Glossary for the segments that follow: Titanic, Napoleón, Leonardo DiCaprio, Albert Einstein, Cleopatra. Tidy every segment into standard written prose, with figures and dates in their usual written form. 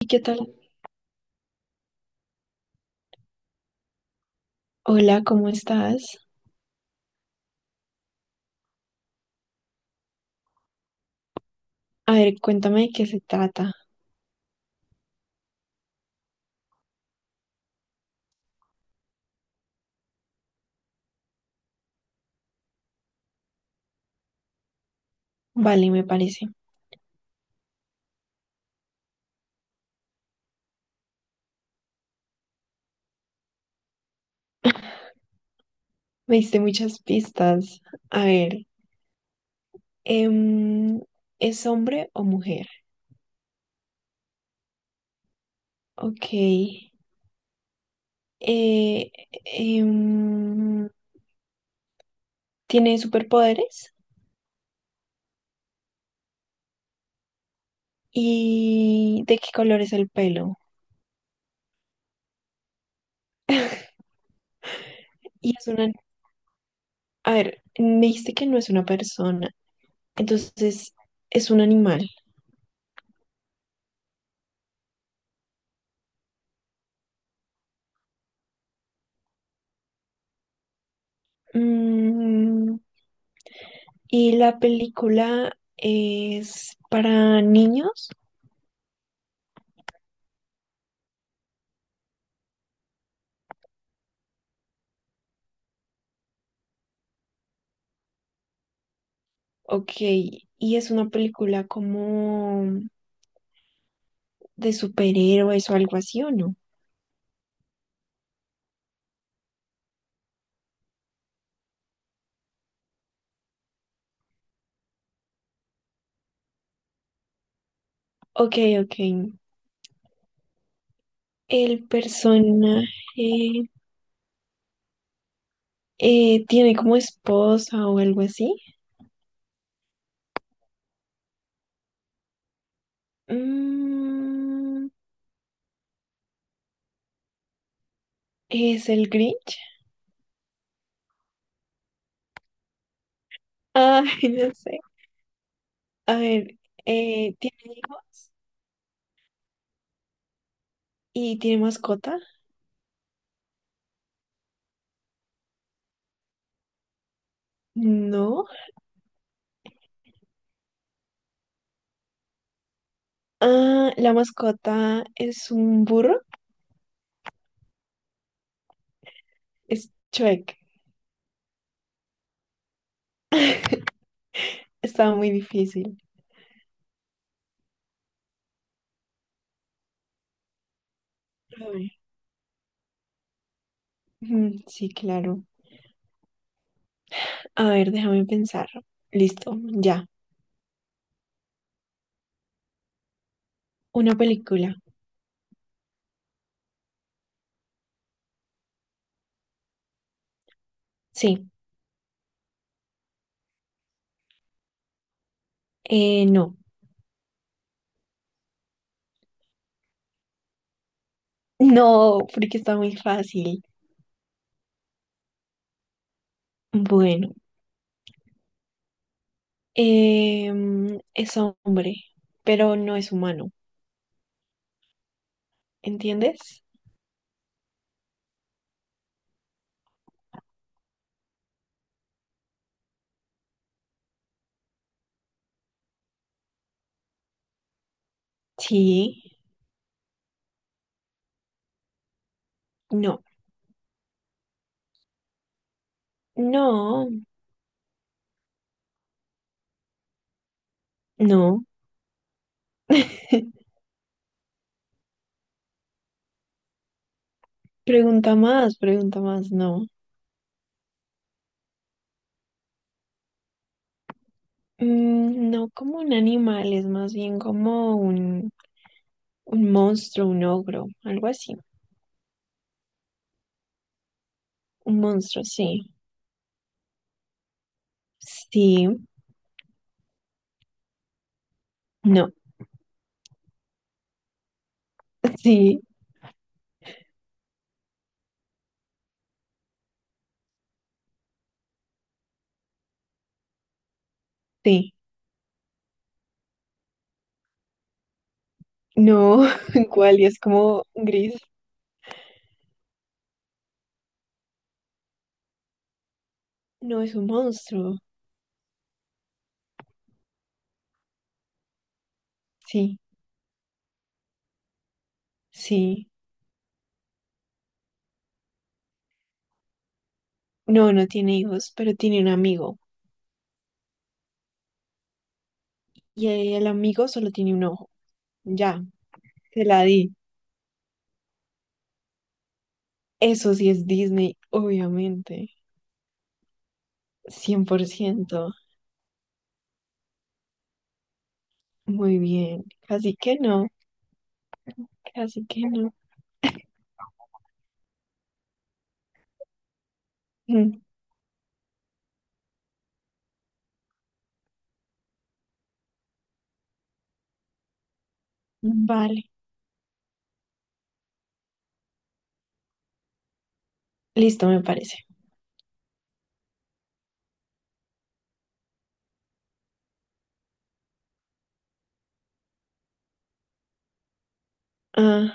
¿Y qué tal? Hola, ¿cómo estás? A ver, cuéntame de qué se trata. Vale, me parece. Me diste muchas pistas. A ver, em, ¿es hombre o mujer? Ok. Eh, em, ¿Tiene superpoderes? ¿Y de qué color es el pelo? Y es una, a ver, me dijiste que no es una persona, entonces es un animal. Mm, ¿Y la película es para niños? Ok, ¿y es una película como de superhéroes o algo así o no? Ok, ok. ¿El personaje tiene como esposa o algo así? Mm, ¿Es el Grinch? Ay, no sé. A ver, ¿tiene hijos y tiene mascota? No. Ah, la mascota es un burro. Es Chueque. Estaba muy difícil. A ver. Mm, sí, claro. A ver, déjame pensar. Listo, ya. Una película. Sí. No. No, porque está muy fácil. Bueno, es hombre, pero no es humano. ¿Entiendes? Sí, no, no, no. Pregunta más, no. No como un animal, es más bien como un, un, monstruo, un ogro, algo así. Un monstruo, sí. Sí, no, sí, sí. No, ¿cuál? Y es como gris. No es un monstruo. Sí, sí. No, no tiene hijos, pero tiene un amigo. Y el amigo solo tiene un ojo. Ya, te la di. Eso sí es Disney, obviamente. 100%. Muy bien. Casi que no. Casi que no. Mm, vale. Listo, me parece. Ah,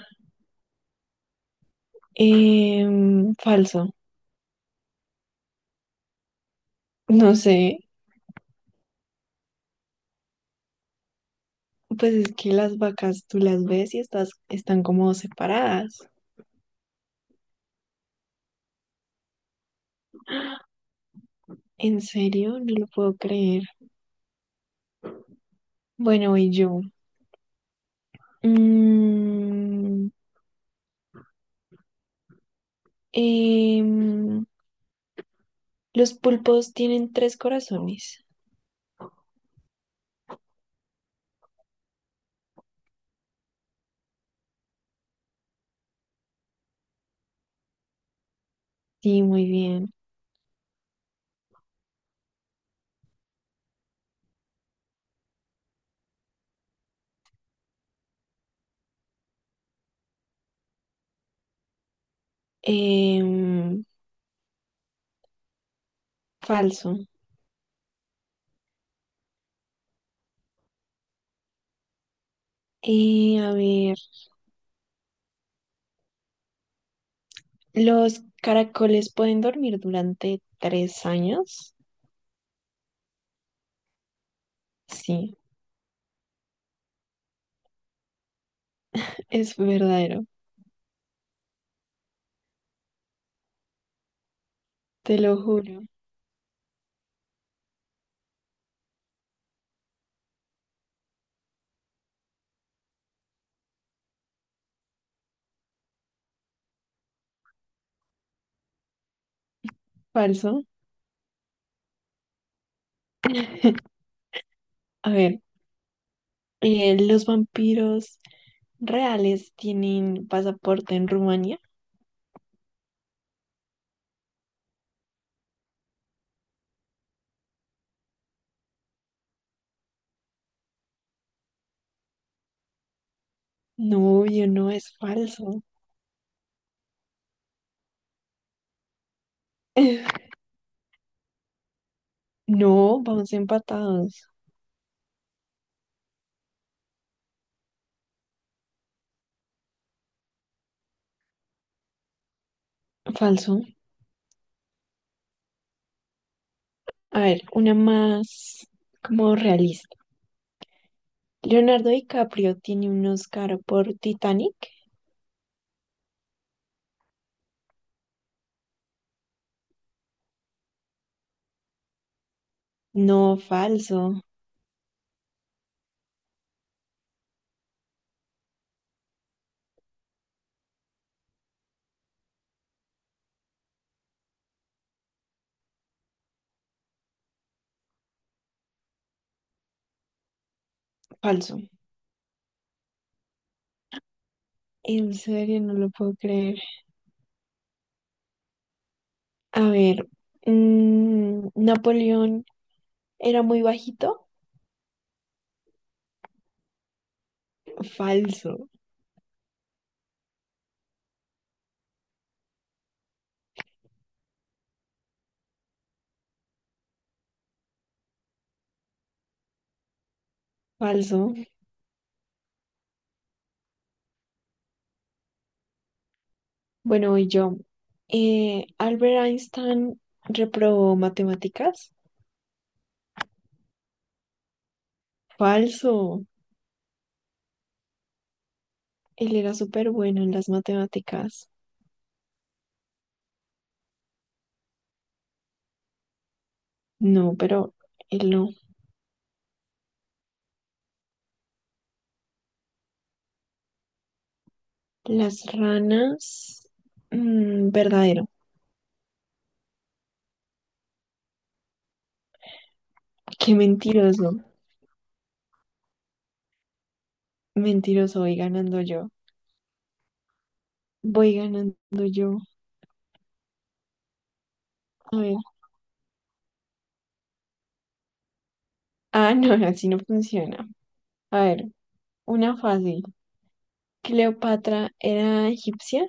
falso. No sé. Pues es que las vacas tú las ves y estás, están como separadas. ¿En serio? No lo puedo creer. Bueno, voy yo. Mm, em, los pulpos tienen tres corazones. Sí, muy bien. Em, Falso. A ver, ¿los caracoles pueden dormir durante 3 años? Sí, es verdadero, te lo juro. Falso. A ver, ¿los vampiros reales tienen pasaporte en Rumania? No, yo no, es falso. No, vamos empatados. Falso. A ver, una más como realista. ¿Leonardo DiCaprio tiene un Oscar por Titanic? No, falso, falso. En serio, no lo puedo creer. A ver, Napoleón era muy bajito. Falso, falso. Bueno, voy yo. Albert Einstein reprobó matemáticas. Falso. Él era súper bueno en las matemáticas. No, pero él no. Las ranas. Verdadero. Qué mentiroso. Mentiroso, voy ganando yo. Voy ganando yo. A ver. Ah, no, así no funciona. A ver, una fácil. ¿Cleopatra era egipcia?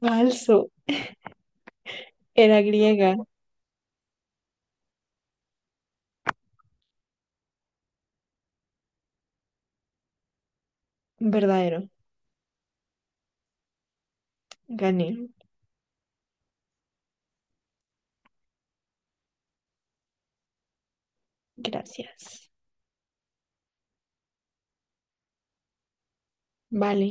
Falso. Era griega. Verdadero. Gané. Gracias. Vale.